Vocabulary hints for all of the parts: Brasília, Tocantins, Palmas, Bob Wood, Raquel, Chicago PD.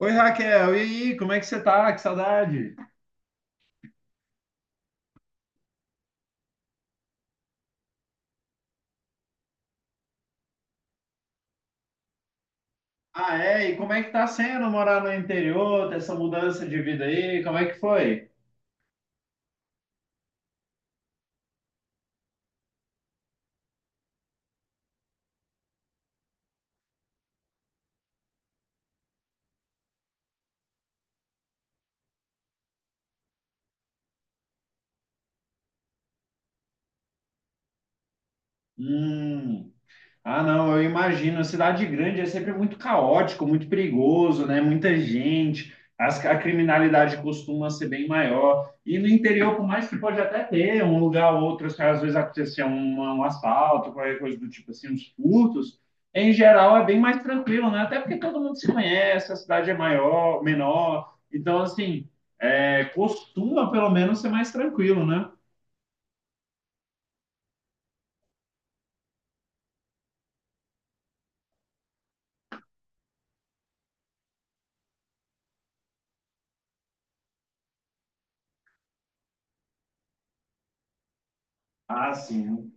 Oi, Raquel, e aí, como é que você tá? Que saudade! Ah, é? E como é que tá sendo morar no interior, ter essa mudança de vida aí? Como é que foi? Hum. Ah, não, eu imagino. Cidade grande é sempre muito caótico, muito perigoso, né? Muita gente. A criminalidade costuma ser bem maior. E no interior, por mais que pode até ter um lugar ou outro, se às vezes acontecer um assalto, qualquer coisa do tipo assim, uns furtos, em geral é bem mais tranquilo, né? Até porque todo mundo se conhece, a cidade é maior, menor. Então, assim, é, costuma pelo menos ser mais tranquilo, né? Ah, sim.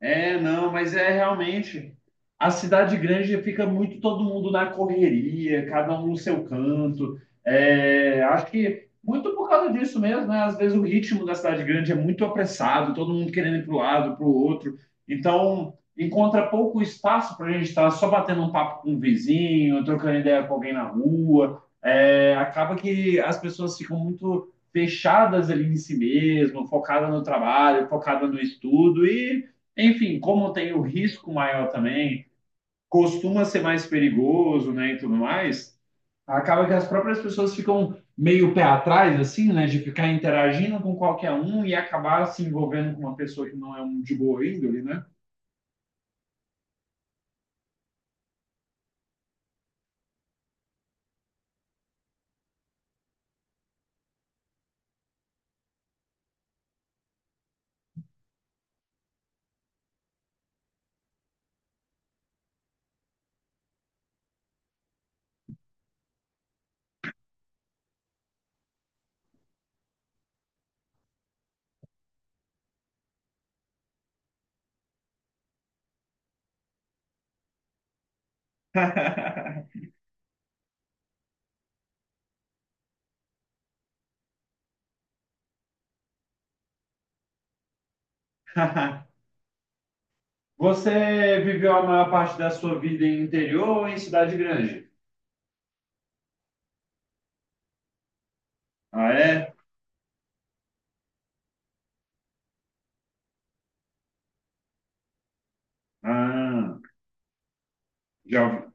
É, não, mas é realmente. A cidade grande fica muito todo mundo na correria, cada um no seu canto. É, acho que muito por causa disso mesmo, né? Às vezes o ritmo da cidade grande é muito apressado, todo mundo querendo ir para o lado, para o outro. Então, encontra pouco espaço para a gente estar só batendo um papo com um vizinho, trocando ideia com alguém na rua. É, acaba que as pessoas ficam muito fechadas ali em si mesmo, focadas no trabalho, focadas no estudo e enfim, como tem o risco maior também, costuma ser mais perigoso, né, e tudo mais, acaba que as próprias pessoas ficam meio pé atrás, assim, né, de ficar interagindo com qualquer um e acabar se envolvendo com uma pessoa que não é um de boa índole, né? Você viveu a maior parte da sua vida em interior ou em cidade grande? Ah, é? Ah, já ouvi.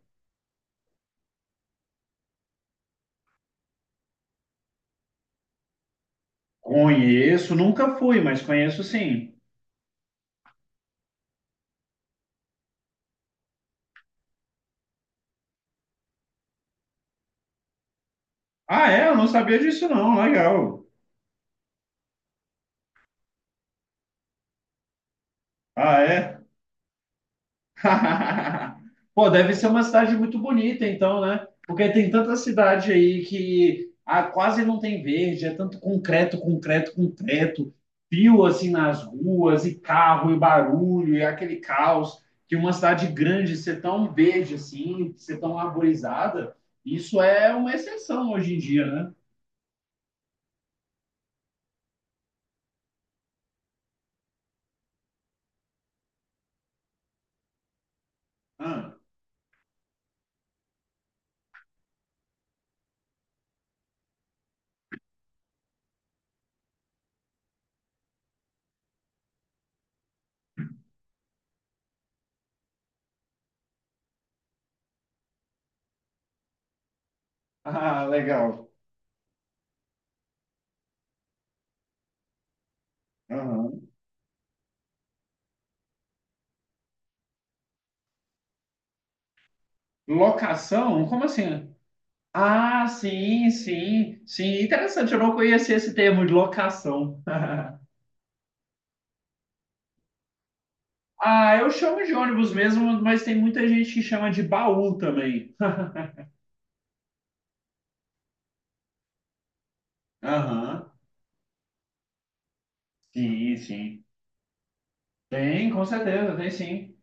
Conheço, nunca fui, mas conheço sim. Ah, é? Eu não sabia disso não, legal. Ah, é? Pô, deve ser uma cidade muito bonita, então, né? Porque tem tanta cidade aí que ah, quase não tem verde, é tanto concreto, concreto, concreto, fio assim nas ruas, e carro, e barulho, e aquele caos, que uma cidade grande ser tão verde assim, ser tão arborizada, isso é uma exceção hoje em dia, né? Ah, ah, legal. Aham. Locação? Como assim? Ah, sim, sim, sim. Interessante, eu não conhecia esse termo de locação. Ah, eu chamo de ônibus mesmo, mas tem muita gente que chama de baú também. Aham, sim, sim. Tem, com certeza, tem sim.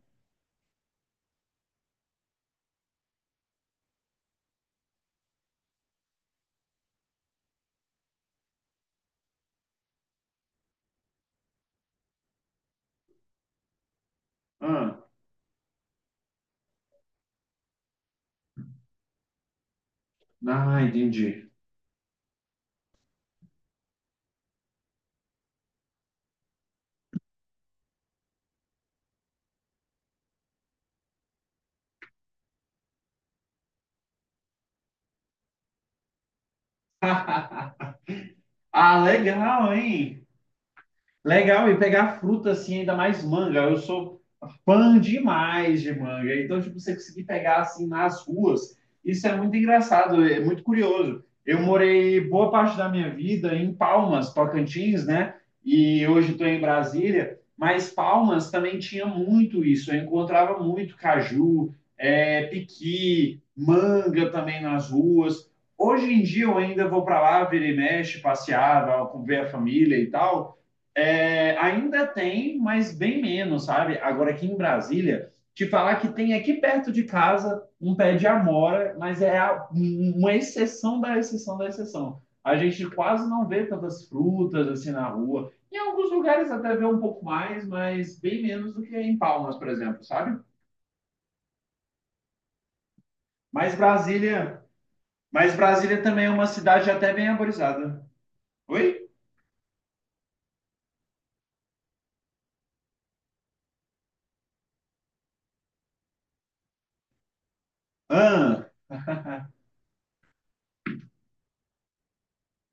Ah, ah, entendi. Ah, legal, hein? Legal, e pegar fruta assim, ainda mais manga. Eu sou fã demais de manga. Então, tipo, você conseguir pegar assim nas ruas, isso é muito engraçado, é muito curioso. Eu morei boa parte da minha vida em Palmas, Tocantins, né? E hoje estou em Brasília, mas Palmas também tinha muito isso. Eu encontrava muito caju, é, piqui, manga também nas ruas. Hoje em dia eu ainda vou para lá, vira e mexe, passear, vou ver a família e tal. É, ainda tem, mas bem menos, sabe? Agora aqui em Brasília, te falar que tem aqui perto de casa um pé de amora, mas é uma exceção da exceção da exceção. A gente quase não vê tantas frutas assim na rua. Em alguns lugares até vê um pouco mais, mas bem menos do que em Palmas, por exemplo, sabe? Mas Brasília, mas Brasília também é uma cidade até bem arborizada. Oi? Ah,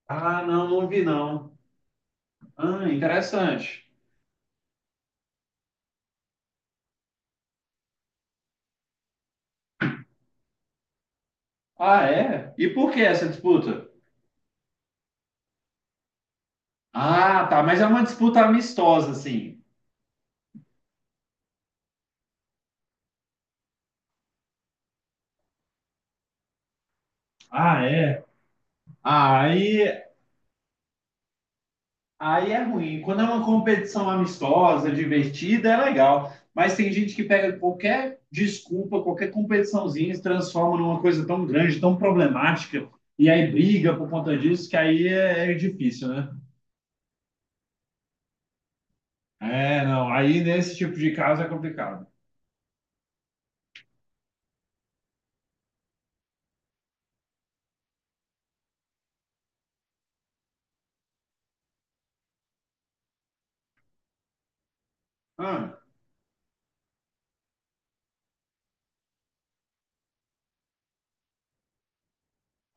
ah, não, não vi não. Ah, interessante. Ah, é? E por que essa disputa? Ah, tá, mas é uma disputa amistosa, assim. Ah, é? Ah, aí, aí é ruim. Quando é uma competição amistosa, divertida, é legal. Mas tem gente que pega qualquer desculpa, qualquer competiçãozinha, e se transforma numa coisa tão grande, tão problemática, e aí briga por conta disso, que aí é, é difícil, né? É, não. Aí nesse tipo de caso é complicado. Ah,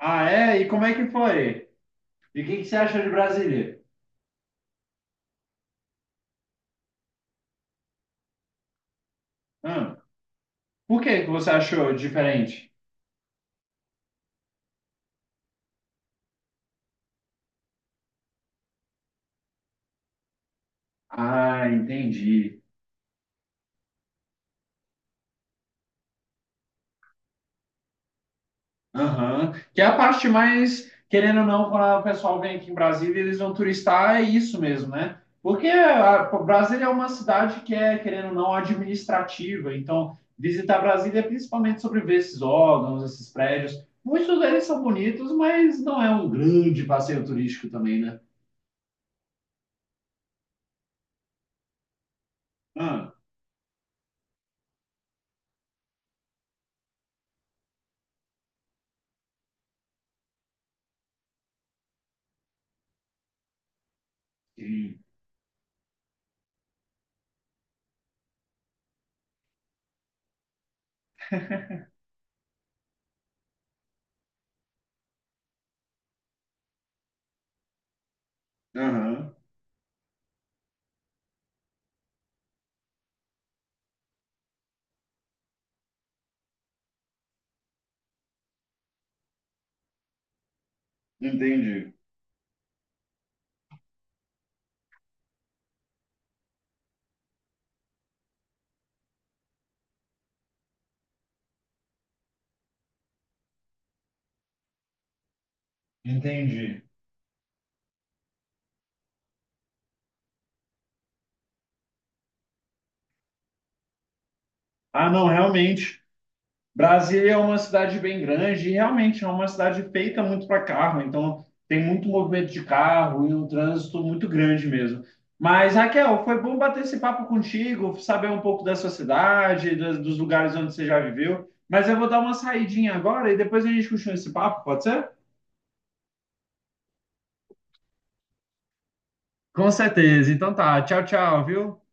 ah, é? E como é que foi? E o que que você acha de Brasília? Ah. Por que que você achou diferente? Ah, entendi. Aham. Que é a parte mais, querendo ou não, quando o pessoal vem aqui em Brasília, eles vão turistar, é isso mesmo, né? Porque a, pô, Brasília é uma cidade que é, querendo ou não, administrativa. Então, visitar Brasília é principalmente sobre ver esses órgãos, esses prédios. Muitos deles são bonitos, mas não é um grande passeio turístico também, né? Ah, sim. Aham. Entendi. Entendi. Ah, não, realmente. Brasília é uma cidade bem grande e realmente é uma cidade feita muito para carro, então tem muito movimento de carro e um trânsito muito grande mesmo. Mas, Raquel, foi bom bater esse papo contigo, saber um pouco da sua cidade, dos dos lugares onde você já viveu. Mas eu vou dar uma saidinha agora e depois a gente continua esse papo, pode ser? Com certeza. Então tá. Tchau, tchau, viu?